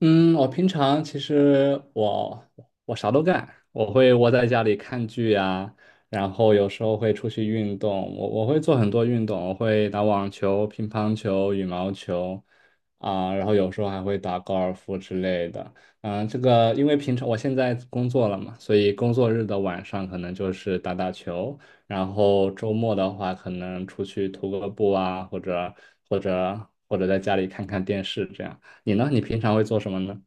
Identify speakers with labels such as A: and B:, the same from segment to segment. A: 嗯，我平常其实我啥都干，我会窝在家里看剧呀，然后有时候会出去运动，我会做很多运动，我会打网球、乒乓球、羽毛球啊，然后有时候还会打高尔夫之类的。嗯，这个因为平常我现在工作了嘛，所以工作日的晚上可能就是打打球，然后周末的话可能出去徒个步啊，或者在家里看看电视这样。你呢？你平常会做什么呢？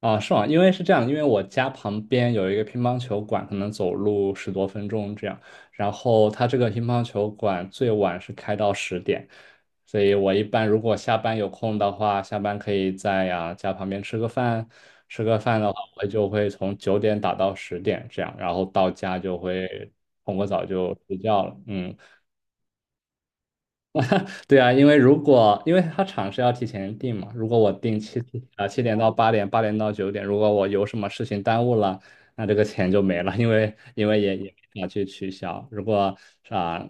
A: 啊，是吗？因为是这样，因为我家旁边有一个乒乓球馆，可能走路十多分钟这样。然后它这个乒乓球馆最晚是开到十点，所以我一般如果下班有空的话，下班可以在呀、家旁边吃个饭。吃个饭的话，我就会从九点打到十点这样，然后到家就会冲个澡就睡觉了。嗯，对啊，因为因为他场是要提前定嘛，如果我定七啊七点到八点、八点到九点，如果我有什么事情耽误了，那这个钱就没了，因为也没法去取消。如果啊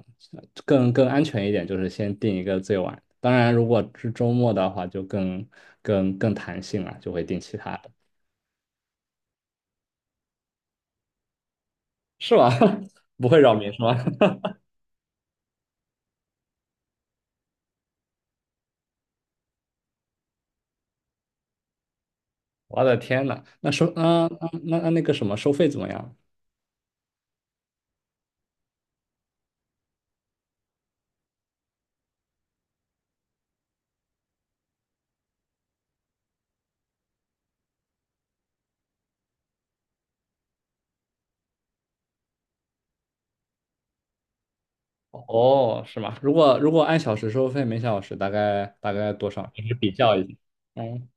A: 更安全一点，就是先定一个最晚。当然，如果是周末的话，就更弹性了，就会定其他的，是吧？不会扰民是吧？我的天呐，那收啊、嗯那个什么收费怎么样？哦，是吗？如果如果按小时收费，每小时大概多少？你是比较一下。嗯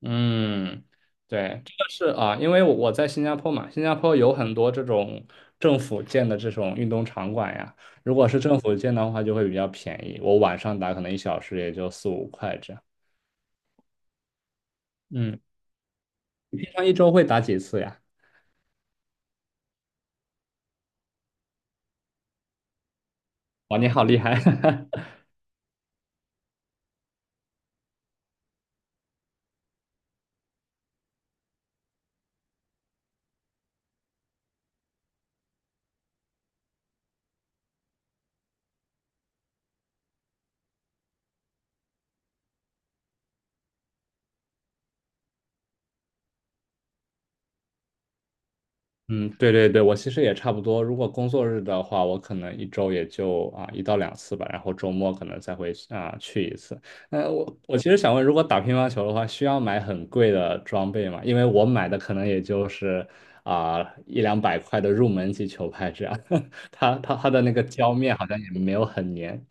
A: 嗯，对，这个是啊，因为我在新加坡嘛，新加坡有很多这种政府建的这种运动场馆呀。如果是政府建的话，就会比较便宜。我晚上打可能一小时也就四五块这样。嗯，你平常一周会打几次呀？哇，你好厉害！嗯，对对对，我其实也差不多。如果工作日的话，我可能一周也就啊一到两次吧，然后周末可能再会啊去一次。那我其实想问，如果打乒乓球的话，需要买很贵的装备吗？因为我买的可能也就是啊一两百块的入门级球拍这样，它的那个胶面好像也没有很粘。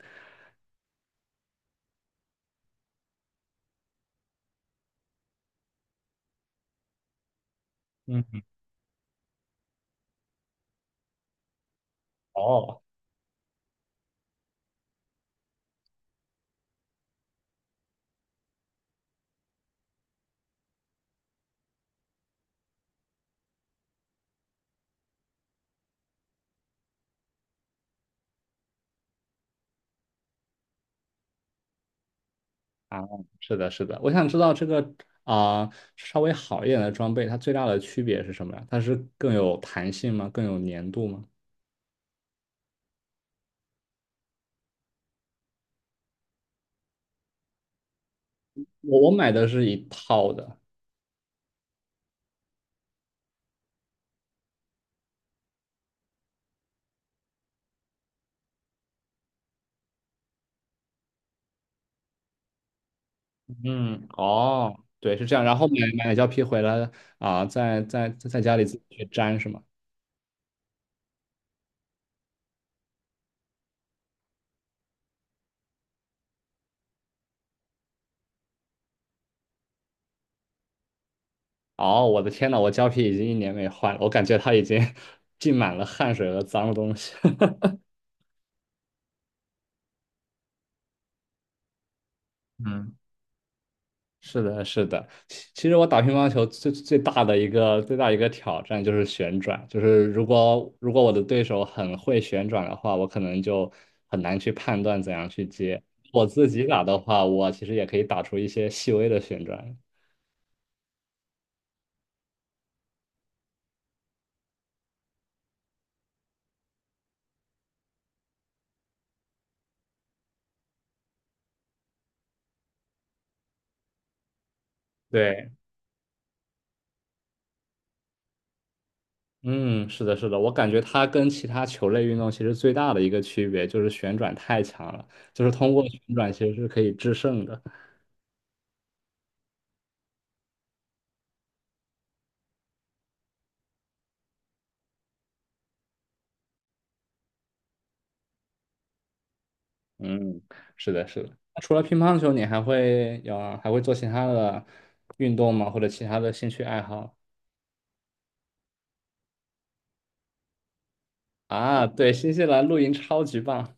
A: 嗯，哦，啊，是的，是的，我想知道这个啊、稍微好一点的装备，它最大的区别是什么呀？它是更有弹性吗？更有粘度吗？我买的是一套的，嗯，哦，对，是这样。然后买了胶皮回来啊、在家里自己去粘是吗？哦，我的天呐，我胶皮已经一年没换了，我感觉它已经 浸满了汗水和脏东西。嗯是的，是的。其实我打乒乓球最大一个挑战就是旋转，就是如果如果我的对手很会旋转的话，我可能就很难去判断怎样去接。我自己打的话，我其实也可以打出一些细微的旋转。对，嗯，是的，是的，我感觉它跟其他球类运动其实最大的一个区别就是旋转太强了，就是通过旋转其实是可以制胜的。嗯，是的，是的。除了乒乓球，你还会做其他的运动吗？或者其他的兴趣爱好？啊，对，新西兰露营超级棒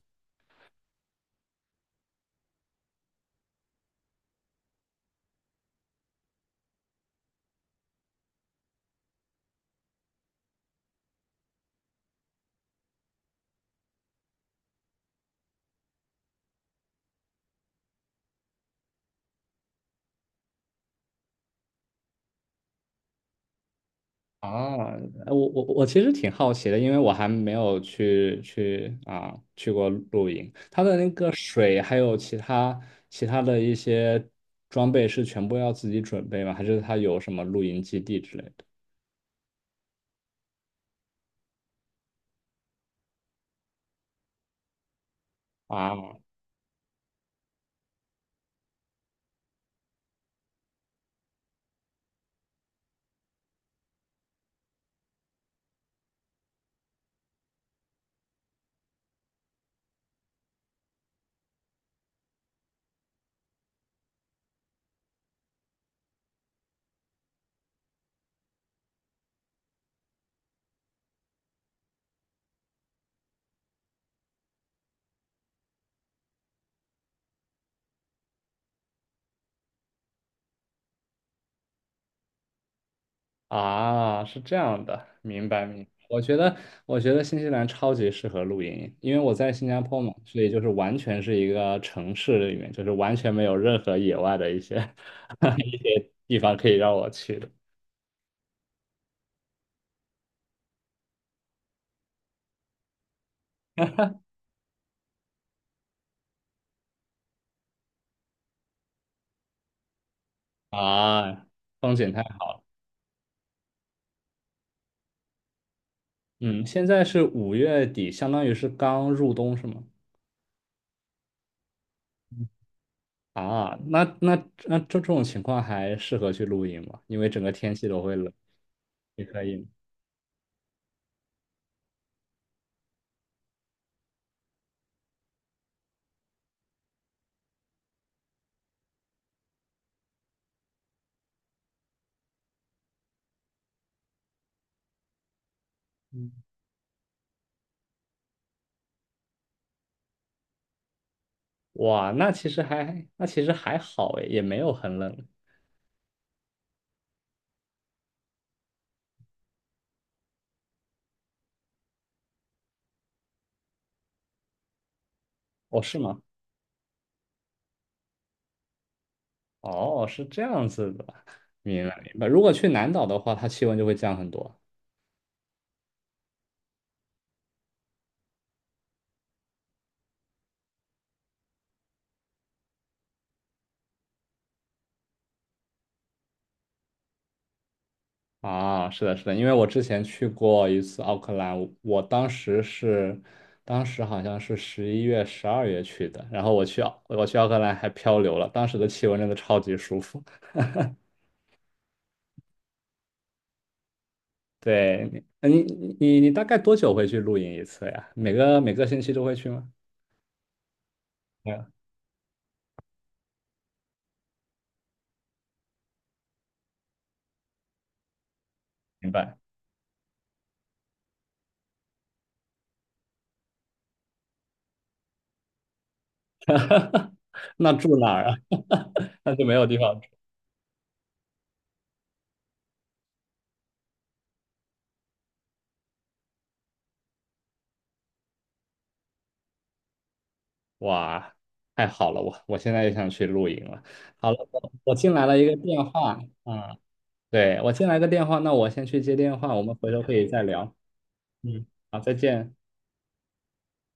A: 啊！哎我其实挺好奇的，因为我还没有去过露营。这水还有其他的一些装备是全部要自己准备吗？还是他有什么露营基地之类的？啊，啊，是这样的，明白明白。我觉得，我觉得新西兰超级适合露营，因为我在新加坡嘛，所以就是完全是一个城市里面，就是完全没有任何野外的一些 一些地方可以让我去的啊，风景太好了。嗯，现在是五月底，相当于是刚入冬，是吗？啊，那那这这种情况还适合去露营吗？因为整个天气都会冷，也可以吗？哇，那其实还好诶，也没有很冷。哦，是吗？哦，是这样子的，明白明白。如果去南岛的话，它气温就会降很多啊。是的，是的，因为我之前去过一次奥克兰，我当时是，当时好像是十一月、十二月去的，然后我去奥克兰还漂流了，当时的气温真的超级舒服。对，你大概多久会去露营一次呀？每个每个星期都会去吗？没有，明白。那住哪儿啊？那就没有地方。哇，太好了，我现在就想去露营了。好了，我进来了一个电话，啊，对，我进来个电话，那我先去接电话，我们回头可以再聊。嗯，好，再见。